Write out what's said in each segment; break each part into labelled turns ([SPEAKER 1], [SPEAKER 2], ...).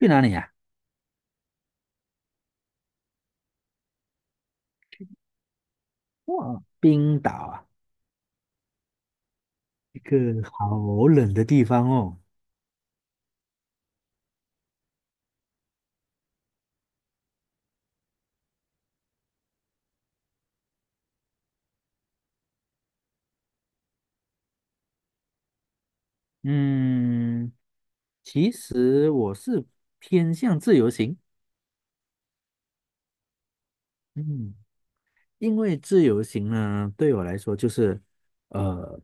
[SPEAKER 1] 去哪里啊？哇，冰岛啊，一个好冷的地方哦。嗯，其实我是偏向自由行，嗯，因为自由行呢，对我来说就是，呃，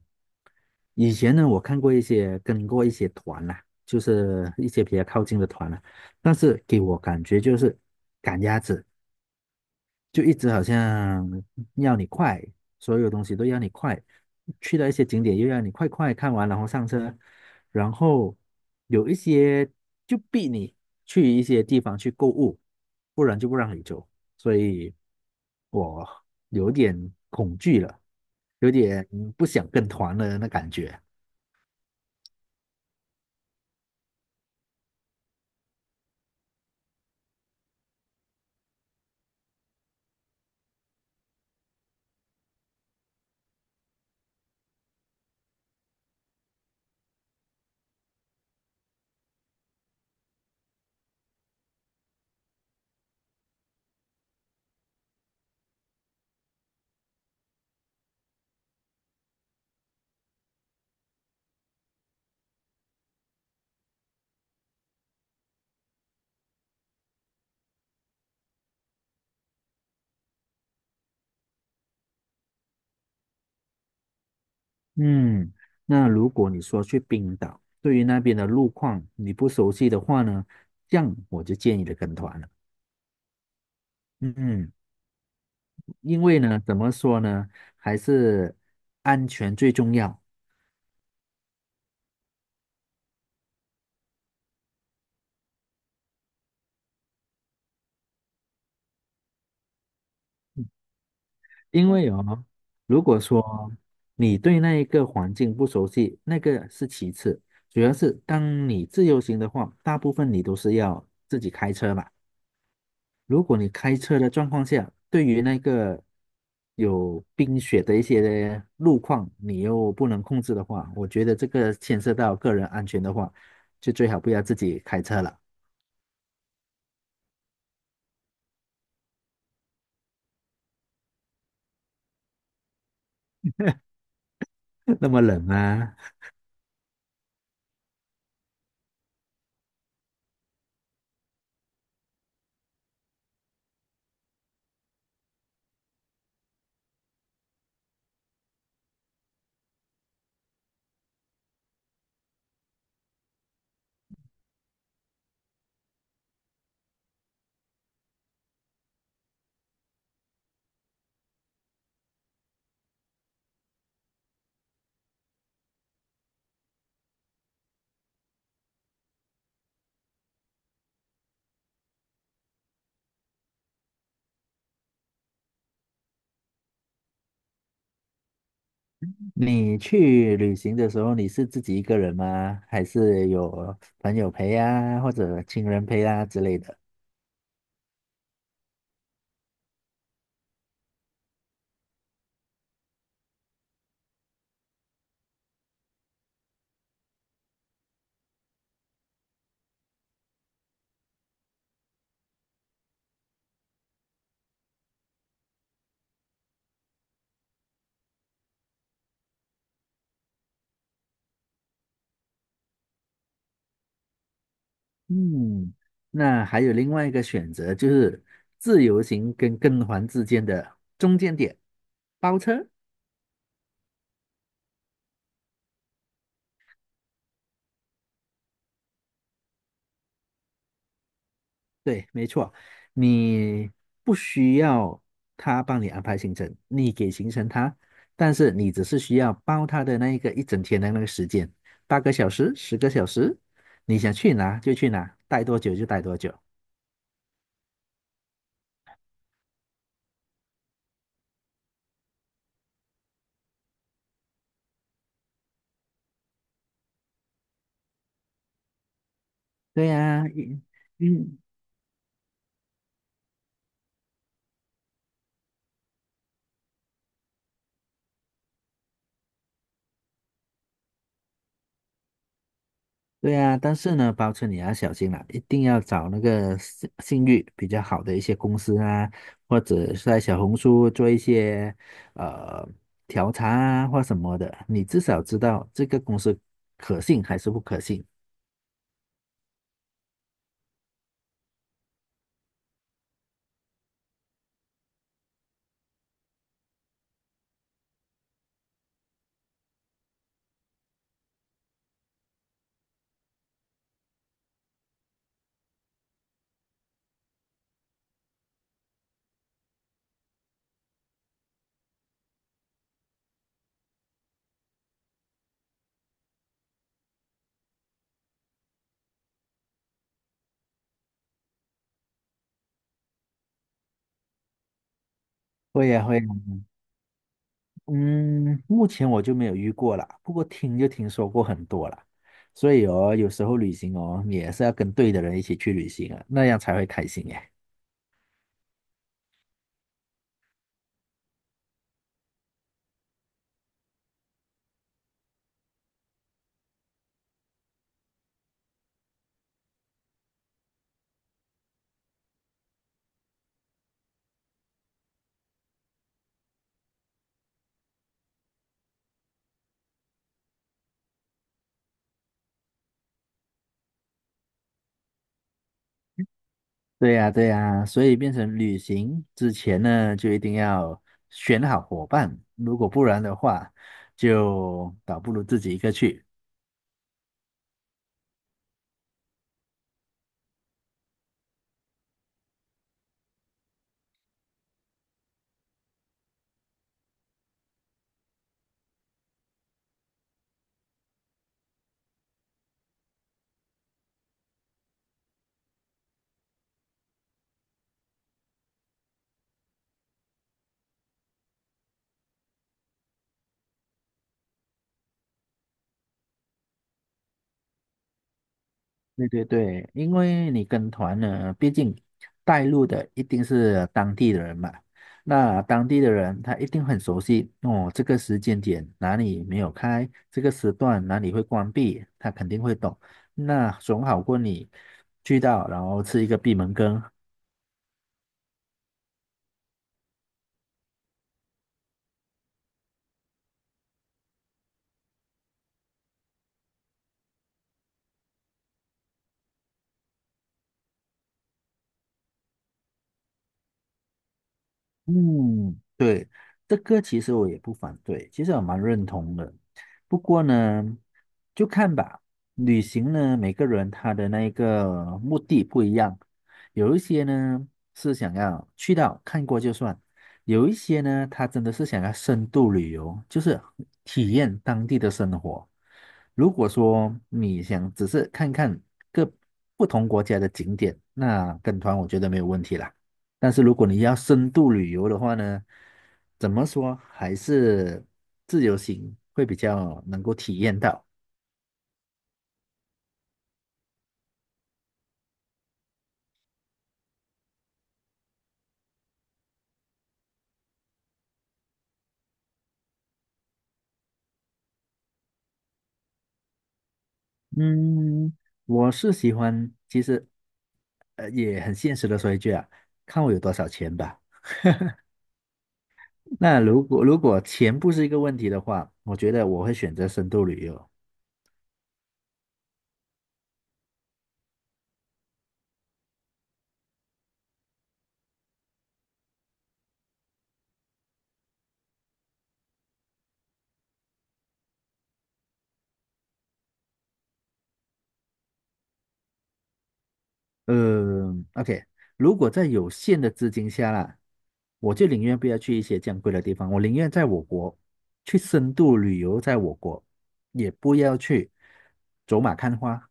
[SPEAKER 1] 以前呢，我看过一些跟过一些团啦、就是一些比较靠近的团啦、但是给我感觉就是赶鸭子。就一直好像要你快，所有东西都要你快，去到一些景点又要你快快看完，然后上车，然后有一些就逼你去一些地方去购物，不然就不让你走，所以我有点恐惧了，有点不想跟团了那感觉。嗯，那如果你说去冰岛，对于那边的路况你不熟悉的话呢，这样我就建议你跟团了。嗯。因为呢，怎么说呢，还是安全最重要。因为哦，如果说你对那一个环境不熟悉，那个是其次，主要是当你自由行的话，大部分你都是要自己开车嘛。如果你开车的状况下，对于那个有冰雪的一些路况，你又不能控制的话，我觉得这个牵涉到个人安全的话，就最好不要自己开车了，那么冷啊。你去旅行的时候，你是自己一个人吗？还是有朋友陪啊，或者亲人陪啊之类的？嗯，那还有另外一个选择，就是自由行跟跟团之间的中间点，包车。对，没错，你不需要他帮你安排行程，你给行程他，但是你只是需要包他的那一个一整天的那个时间，8个小时、10个小时，你想去哪就去哪，待多久就待多久。对呀、因对啊，但是呢，包车你要小心啦，一定要找那个信誉比较好的一些公司啊，或者是在小红书做一些呃调查啊或什么的，你至少知道这个公司可信还是不可信。会呀，会呀，嗯，目前我就没有遇过啦，不过就听说过很多啦，所以哦，有时候旅行哦，你也是要跟对的人一起去旅行啊，那样才会开心耶。对呀，对呀，所以变成旅行之前呢，就一定要选好伙伴，如果不然的话，就倒不如自己一个去。对对对，因为你跟团呢，毕竟带路的一定是当地的人嘛，那当地的人他一定很熟悉哦，这个时间点哪里没有开，这个时段哪里会关闭，他肯定会懂，那总好过你去到然后吃一个闭门羹，嗯，对，这个其实我也不反对，其实我蛮认同的。不过呢，就看吧，旅行呢，每个人他的那个目的不一样，有一些呢是想要去到看过就算，有一些呢他真的是想要深度旅游，就是体验当地的生活。如果说你想只是看看各不同国家的景点，那跟团我觉得没有问题啦。但是如果你要深度旅游的话呢，怎么说还是自由行会比较能够体验到。嗯，我是喜欢，其实也很现实的说一句啊，看我有多少钱吧。那如果钱不是一个问题的话，我觉得我会选择深度旅游。嗯，OK，如果在有限的资金下啦，我就宁愿不要去一些这样贵的地方，我宁愿在我国去深度旅游，在我国，也不要去走马看花。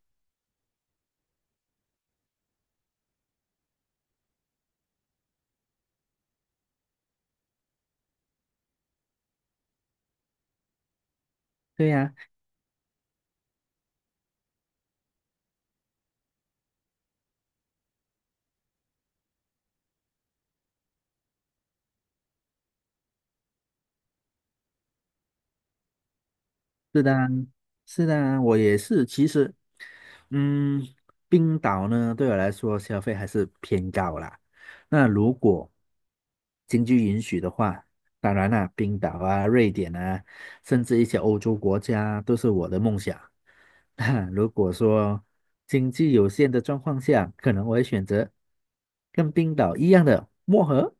[SPEAKER 1] 对呀、是的啊是的啊我也是。其实，嗯，冰岛呢，对我来说消费还是偏高啦。那如果经济允许的话，当然啦、冰岛啊、瑞典啊，甚至一些欧洲国家都是我的梦想。那如果说经济有限的状况下，可能我会选择跟冰岛一样的漠河。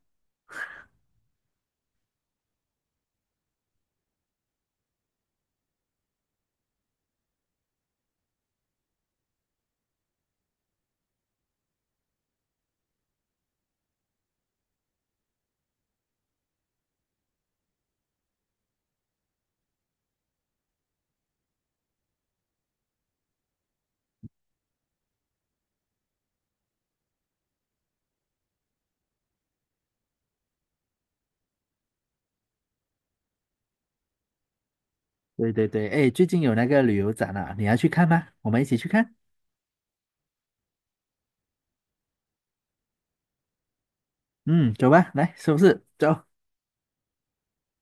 [SPEAKER 1] 对对对，哎，最近有那个旅游展啊，你要去看吗？我们一起去看。嗯，走吧，来收拾，走。